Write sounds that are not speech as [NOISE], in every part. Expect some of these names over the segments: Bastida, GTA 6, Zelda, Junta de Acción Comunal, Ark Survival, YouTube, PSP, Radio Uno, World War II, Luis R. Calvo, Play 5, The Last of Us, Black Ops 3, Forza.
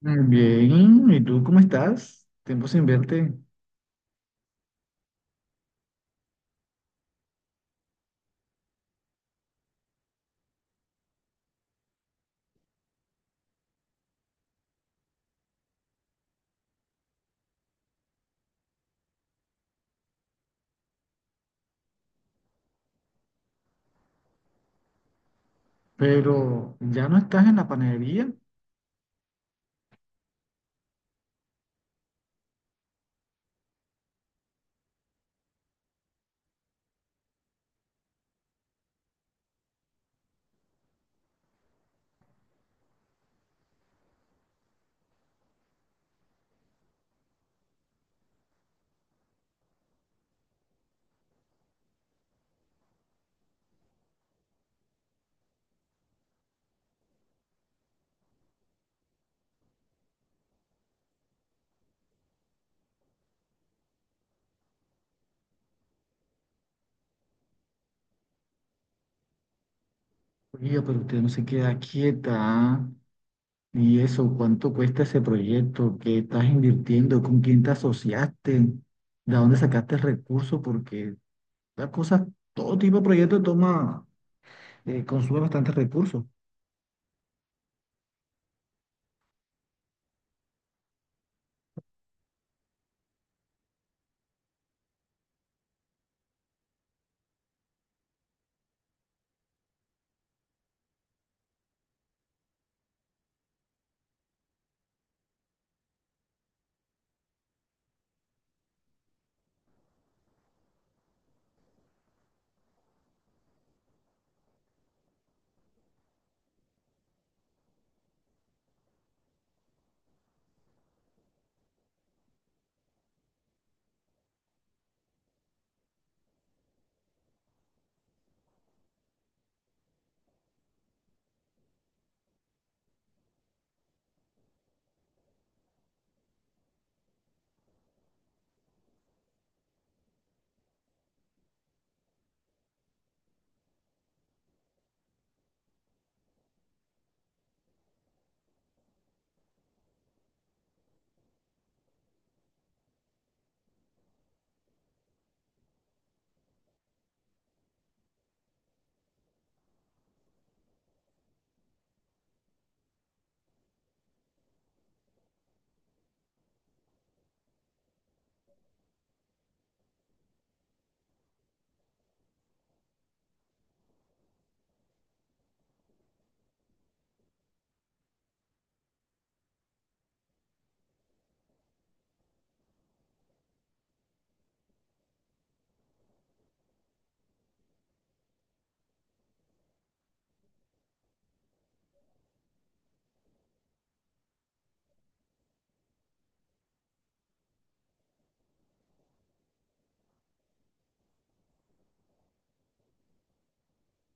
Bien, ¿y tú cómo estás? Tiempo sin verte, pero ya no estás en la panadería. Oiga, pero usted no se queda quieta. ¿Ah? ¿Y eso? ¿Cuánto cuesta ese proyecto? ¿Qué estás invirtiendo? ¿Con quién te asociaste? ¿De dónde sacaste el recurso? Porque las cosas, todo tipo de proyecto toma, consume bastantes recursos.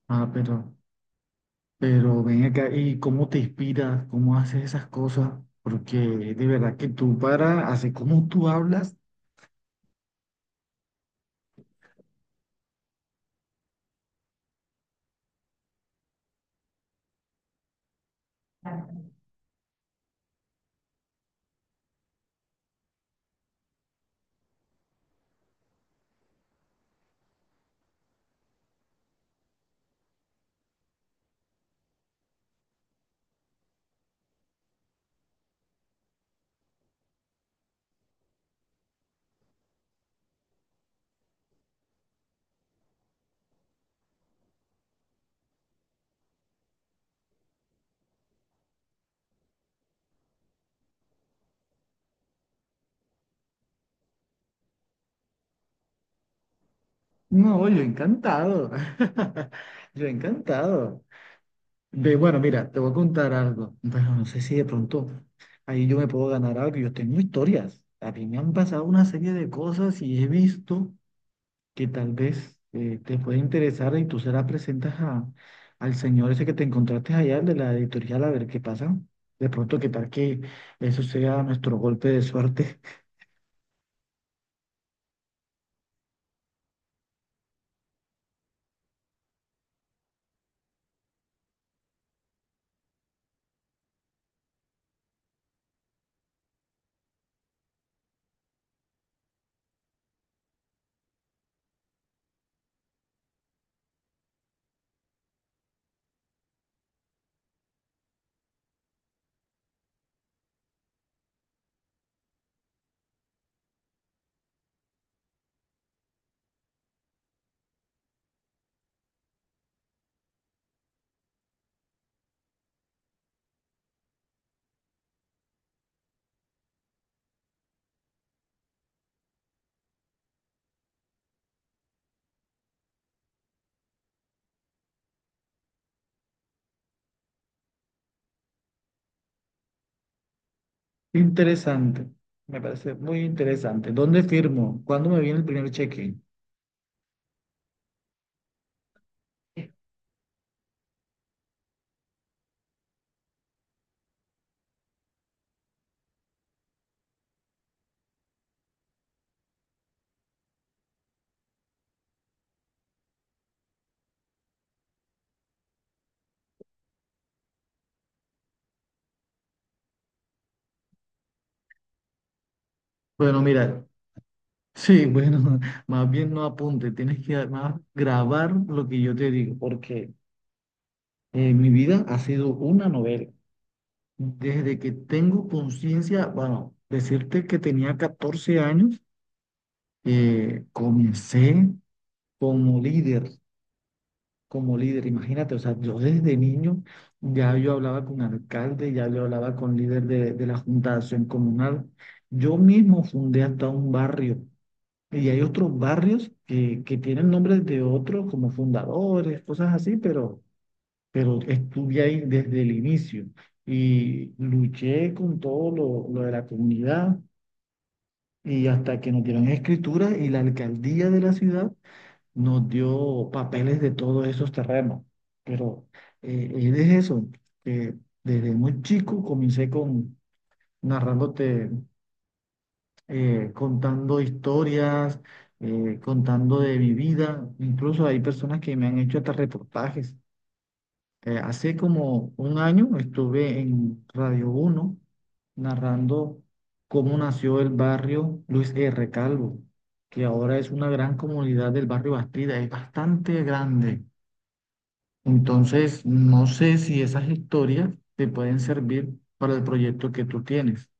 Ah, pero ven acá, ¿y cómo te inspiras? ¿Cómo haces esas cosas? Porque de verdad que tú para, así como tú hablas, no, yo encantado. [LAUGHS] Yo encantado. Ve, bueno, mira, te voy a contar algo. Bueno, no sé si de pronto ahí yo me puedo ganar algo. Yo tengo historias. A mí me han pasado una serie de cosas y he visto que tal vez te puede interesar y tú se la presentas al señor ese que te encontraste allá, el de la editorial, a ver qué pasa. De pronto, qué tal que eso sea nuestro golpe de suerte. [LAUGHS] Interesante. Me parece muy interesante. ¿Dónde firmo? ¿Cuándo me viene el primer cheque? Bueno, mira, sí, bueno, [LAUGHS] más bien no apunte, tienes que además grabar lo que yo te digo, porque mi vida ha sido una novela. Desde que tengo conciencia, bueno, decirte que tenía 14 años, comencé como líder, como líder, imagínate, o sea, yo desde niño ya yo hablaba con alcalde, ya yo hablaba con líder de la Junta de Acción Comunal, yo mismo fundé hasta un barrio. Y hay otros barrios que tienen nombres de otros como fundadores, cosas así, pero estuve ahí desde el inicio y luché con todo lo de la comunidad y hasta que nos dieron escritura y la alcaldía de la ciudad nos dio papeles de todos esos terrenos. Pero es eso, que desde muy chico comencé con narrándote, contando historias, contando de mi vida. Incluso hay personas que me han hecho hasta reportajes. Hace como un año estuve en Radio Uno narrando cómo nació el barrio Luis R. Calvo, que ahora es una gran comunidad del barrio Bastida, es bastante grande. Entonces, no sé si esas historias te pueden servir para el proyecto que tú tienes.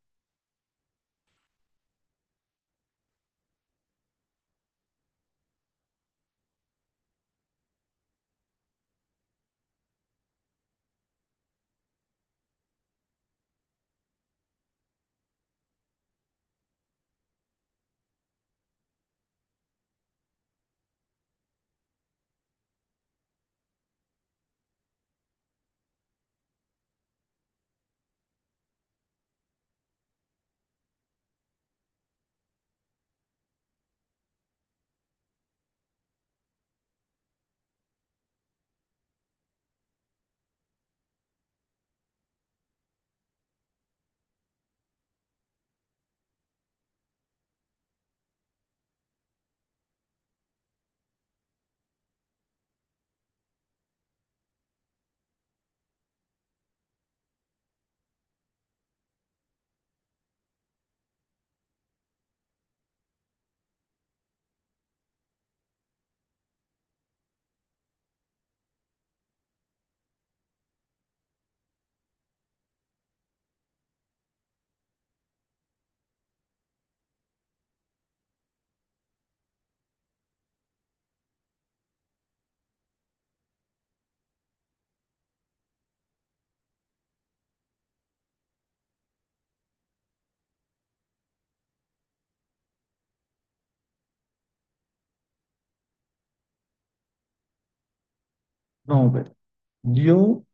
No, pero yo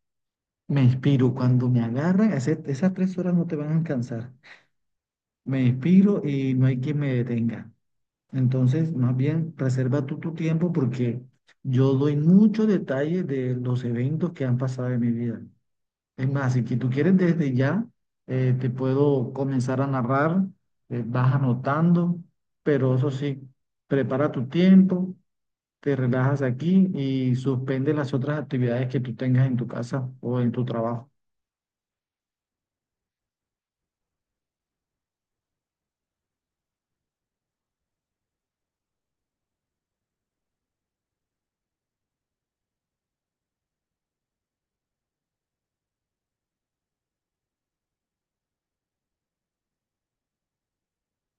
me inspiro, cuando me agarran, esas 3 horas no te van a cansar. Me inspiro y no hay quien me detenga. Entonces, más bien, reserva tú tu tiempo porque yo doy muchos detalles de los eventos que han pasado en mi vida. Es más, si que tú quieres desde ya, te puedo comenzar a narrar, vas anotando, pero eso sí, prepara tu tiempo, te relajas aquí y suspende las otras actividades que tú tengas en tu casa o en tu trabajo.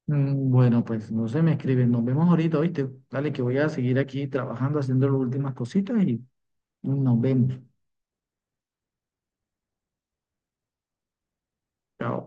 Bueno, pues no se me escriben. Nos vemos ahorita, ¿oíste? Dale, que voy a seguir aquí trabajando, haciendo las últimas cositas y nos vemos. Chao.